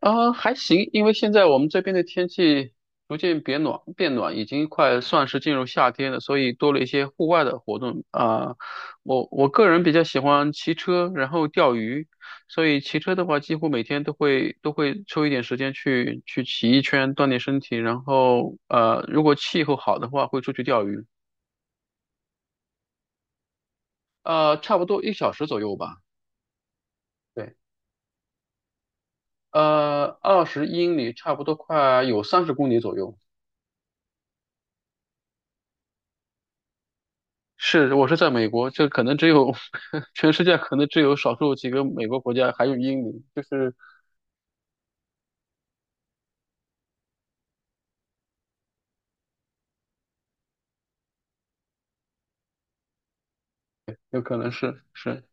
啊，还行，因为现在我们这边的天气逐渐变暖，变暖已经快算是进入夏天了，所以多了一些户外的活动啊。我个人比较喜欢骑车，然后钓鱼，所以骑车的话，几乎每天都会抽一点时间去骑一圈，锻炼身体。然后如果气候好的话，会出去钓鱼，差不多一小时左右吧。对，20英里，差不多快有30公里左右。是，我是在美国，这可能只有 全世界可能只有少数几个美国国家还有英语，就是有可能是。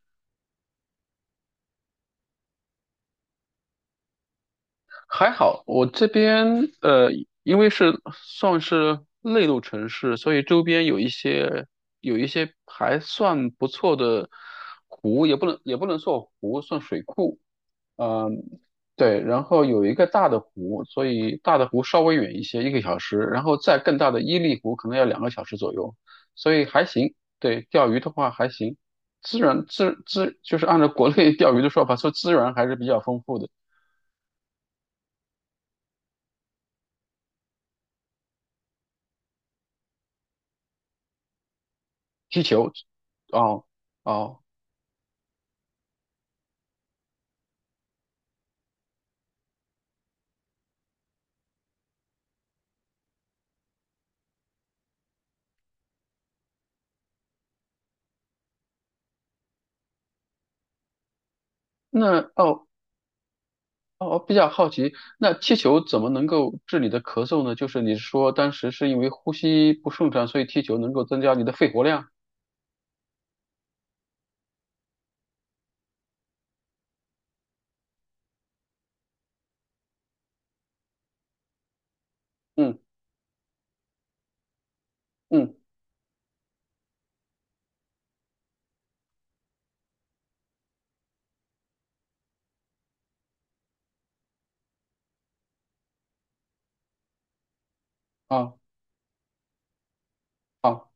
还好，我这边呃，因为是算是内陆城市，所以周边有一些还算不错的湖，也不能算湖，算水库，嗯，对，然后有一个大的湖，所以大的湖稍微远一些，1个小时，然后再更大的伊利湖可能要2个小时左右，所以还行。对，钓鱼的话还行，资源就是按照国内钓鱼的说法，说资源还是比较丰富的。踢球，哦哦，那哦哦，比较好奇，那踢球怎么能够治你的咳嗽呢？就是你说当时是因为呼吸不顺畅，所以踢球能够增加你的肺活量。嗯嗯，啊。好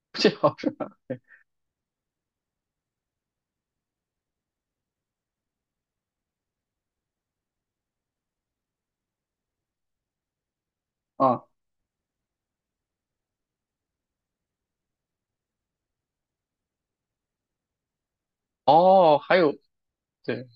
这好是啊，哦，还有对，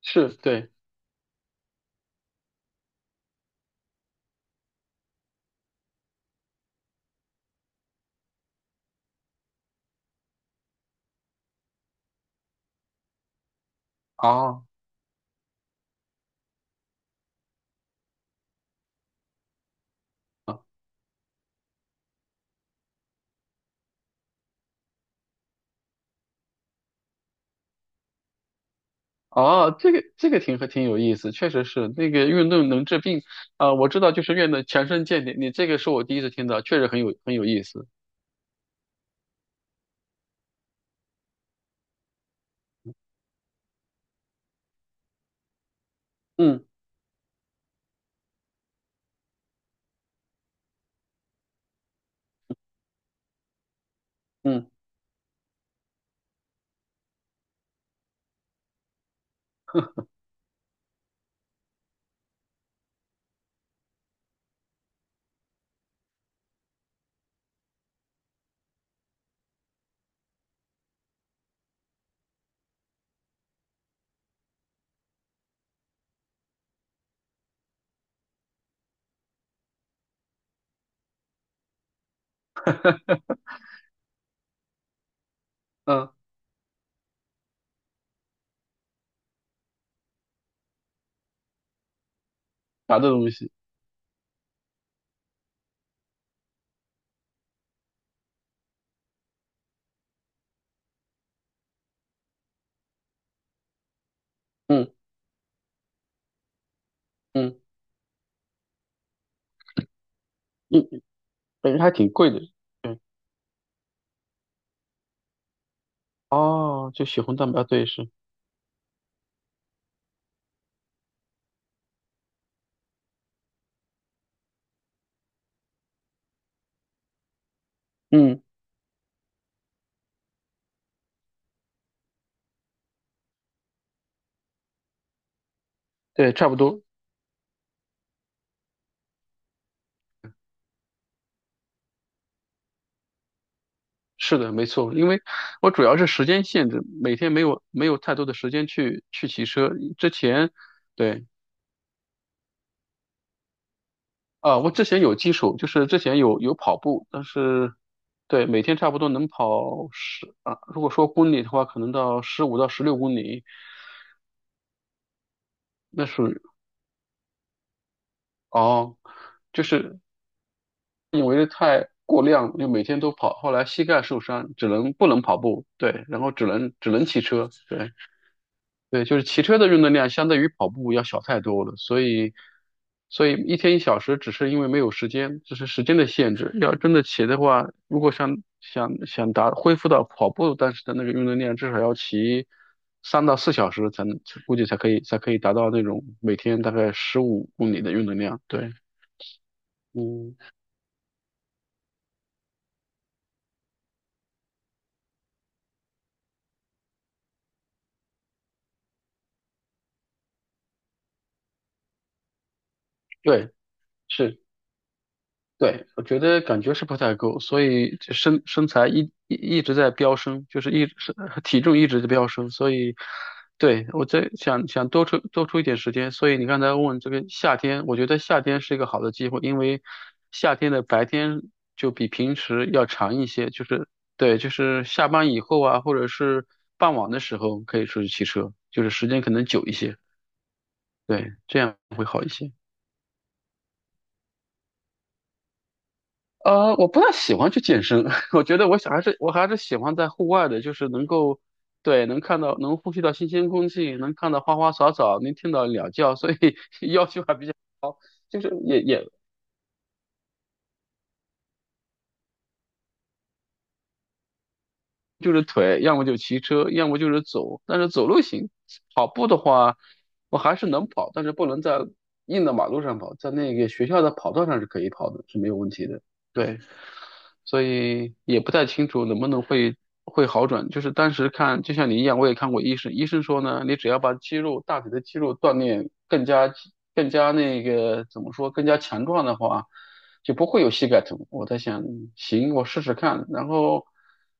是对啊啊哦，这个挺挺有意思，确实是那个运动能治病啊，我知道就是运动强身健体，你这个是我第一次听到，确实很有很有意思。嗯嗯嗯，啥的东西？嗯嗯嗯，本身还挺贵的。对哦，就血红蛋白，对是，嗯，对，差不多。是的，没错，因为我主要是时间限制，每天没有太多的时间去骑车。之前，对。啊，我之前有基础，就是之前有跑步，但是对每天差不多能跑十啊，如果说公里的话，可能到15到16公里，那属于哦，就是因为太过量，就每天都跑，后来膝盖受伤，只能不能跑步，对，然后只能骑车，对。对，就是骑车的运动量相对于跑步要小太多了，所以，所以一天一小时只是因为没有时间，这是时间的限制。要真的骑的话，如果想恢复到跑步当时的那个运动量，至少要骑3到4小时才能，估计才可以达到那种每天大概15公里的运动量。对，嗯，对，是。对，我觉得感觉是不太够，所以这身材一直在飙升，就是一身体重一直在飙升，所以对我在想多出一点时间，所以你刚才问这个夏天，我觉得夏天是一个好的机会，因为夏天的白天就比平时要长一些，就是对，就是下班以后啊，或者是傍晚的时候可以出去骑车，就是时间可能久一些，对，这样会好一些。我不太喜欢去健身，我觉得我还是喜欢在户外的，就是能够，对，能看到能呼吸到新鲜空气，能看到花花草草，能听到鸟叫，所以 要求还比较高，就是也也就是腿，要么就骑车，要么就是走，但是走路行，跑步的话，我还是能跑，但是不能在硬的马路上跑，在那个学校的跑道上是可以跑的，是没有问题的，对。所以也不太清楚能不能会好转。就是当时看，就像你一样，我也看过医生，医生说呢，你只要把肌肉大腿的肌肉锻炼更加更加那个怎么说，更加强壮的话，就不会有膝盖疼。我在想，行，我试试看。然后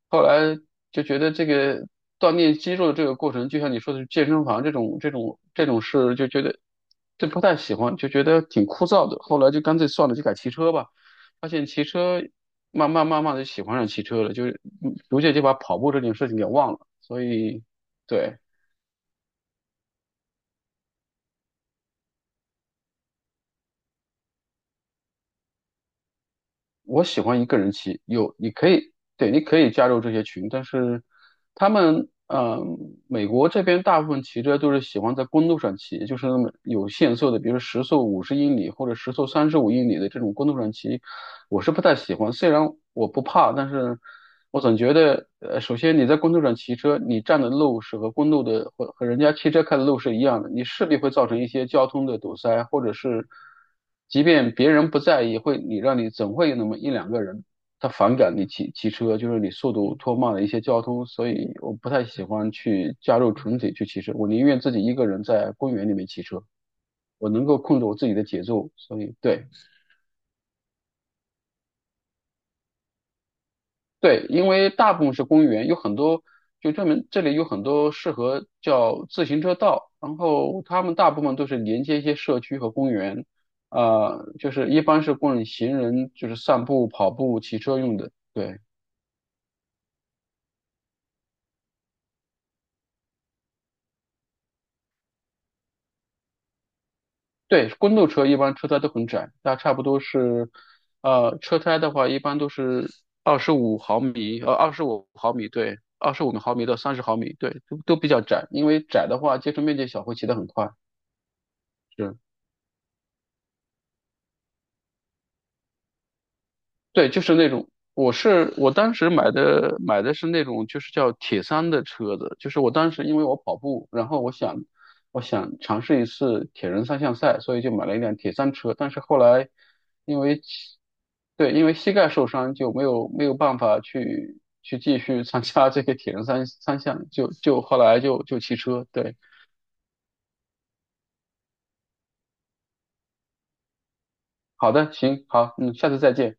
后来就觉得这个锻炼肌肉的这个过程，就像你说的健身房这种事，就觉得。这不太喜欢，就觉得挺枯燥的。后来就干脆算了，就改骑车吧。发现骑车慢慢的喜欢上骑车了，就是逐渐就把跑步这件事情给忘了。所以，对，我喜欢一个人骑，有你可以，对，你可以加入这些群，但是他们，美国这边大部分骑车都是喜欢在公路上骑，就是那么有限速的，比如时速50英里或者时速35英里的这种公路上骑，我是不太喜欢。虽然我不怕，但是我总觉得，首先你在公路上骑车，你占的路是和公路的和人家汽车开的路是一样的，你势必会造成一些交通的堵塞，或者是即便别人不在意，会你让你总会有那么一两个人他反感你骑车，就是你速度拖慢了一些交通，所以我不太喜欢去加入群体去骑车，我宁愿自己一个人在公园里面骑车。我能够控制我自己的节奏，所以对，对，因为大部分是公园，有很多就专门这里有很多适合叫自行车道，然后他们大部分都是连接一些社区和公园，就是一般是供行人就是散步、跑步、骑车用的。对对，公路车一般车胎都很窄，那差不多是，车胎的话一般都是二十五毫米，二十五毫米，对，25毫米到30毫米，对，都比较窄，因为窄的话接触面积小，会骑得很快。是。对，就是那种，我是我当时买的是那种，就是叫铁三的车子，就是我当时因为我跑步，然后我想尝试一次铁人三项赛，所以就买了一辆铁三车，但是后来因为膝对，因为膝盖受伤就没有办法去参加这个铁人三项，后来骑车，对，好的，行，好，嗯，下次再见。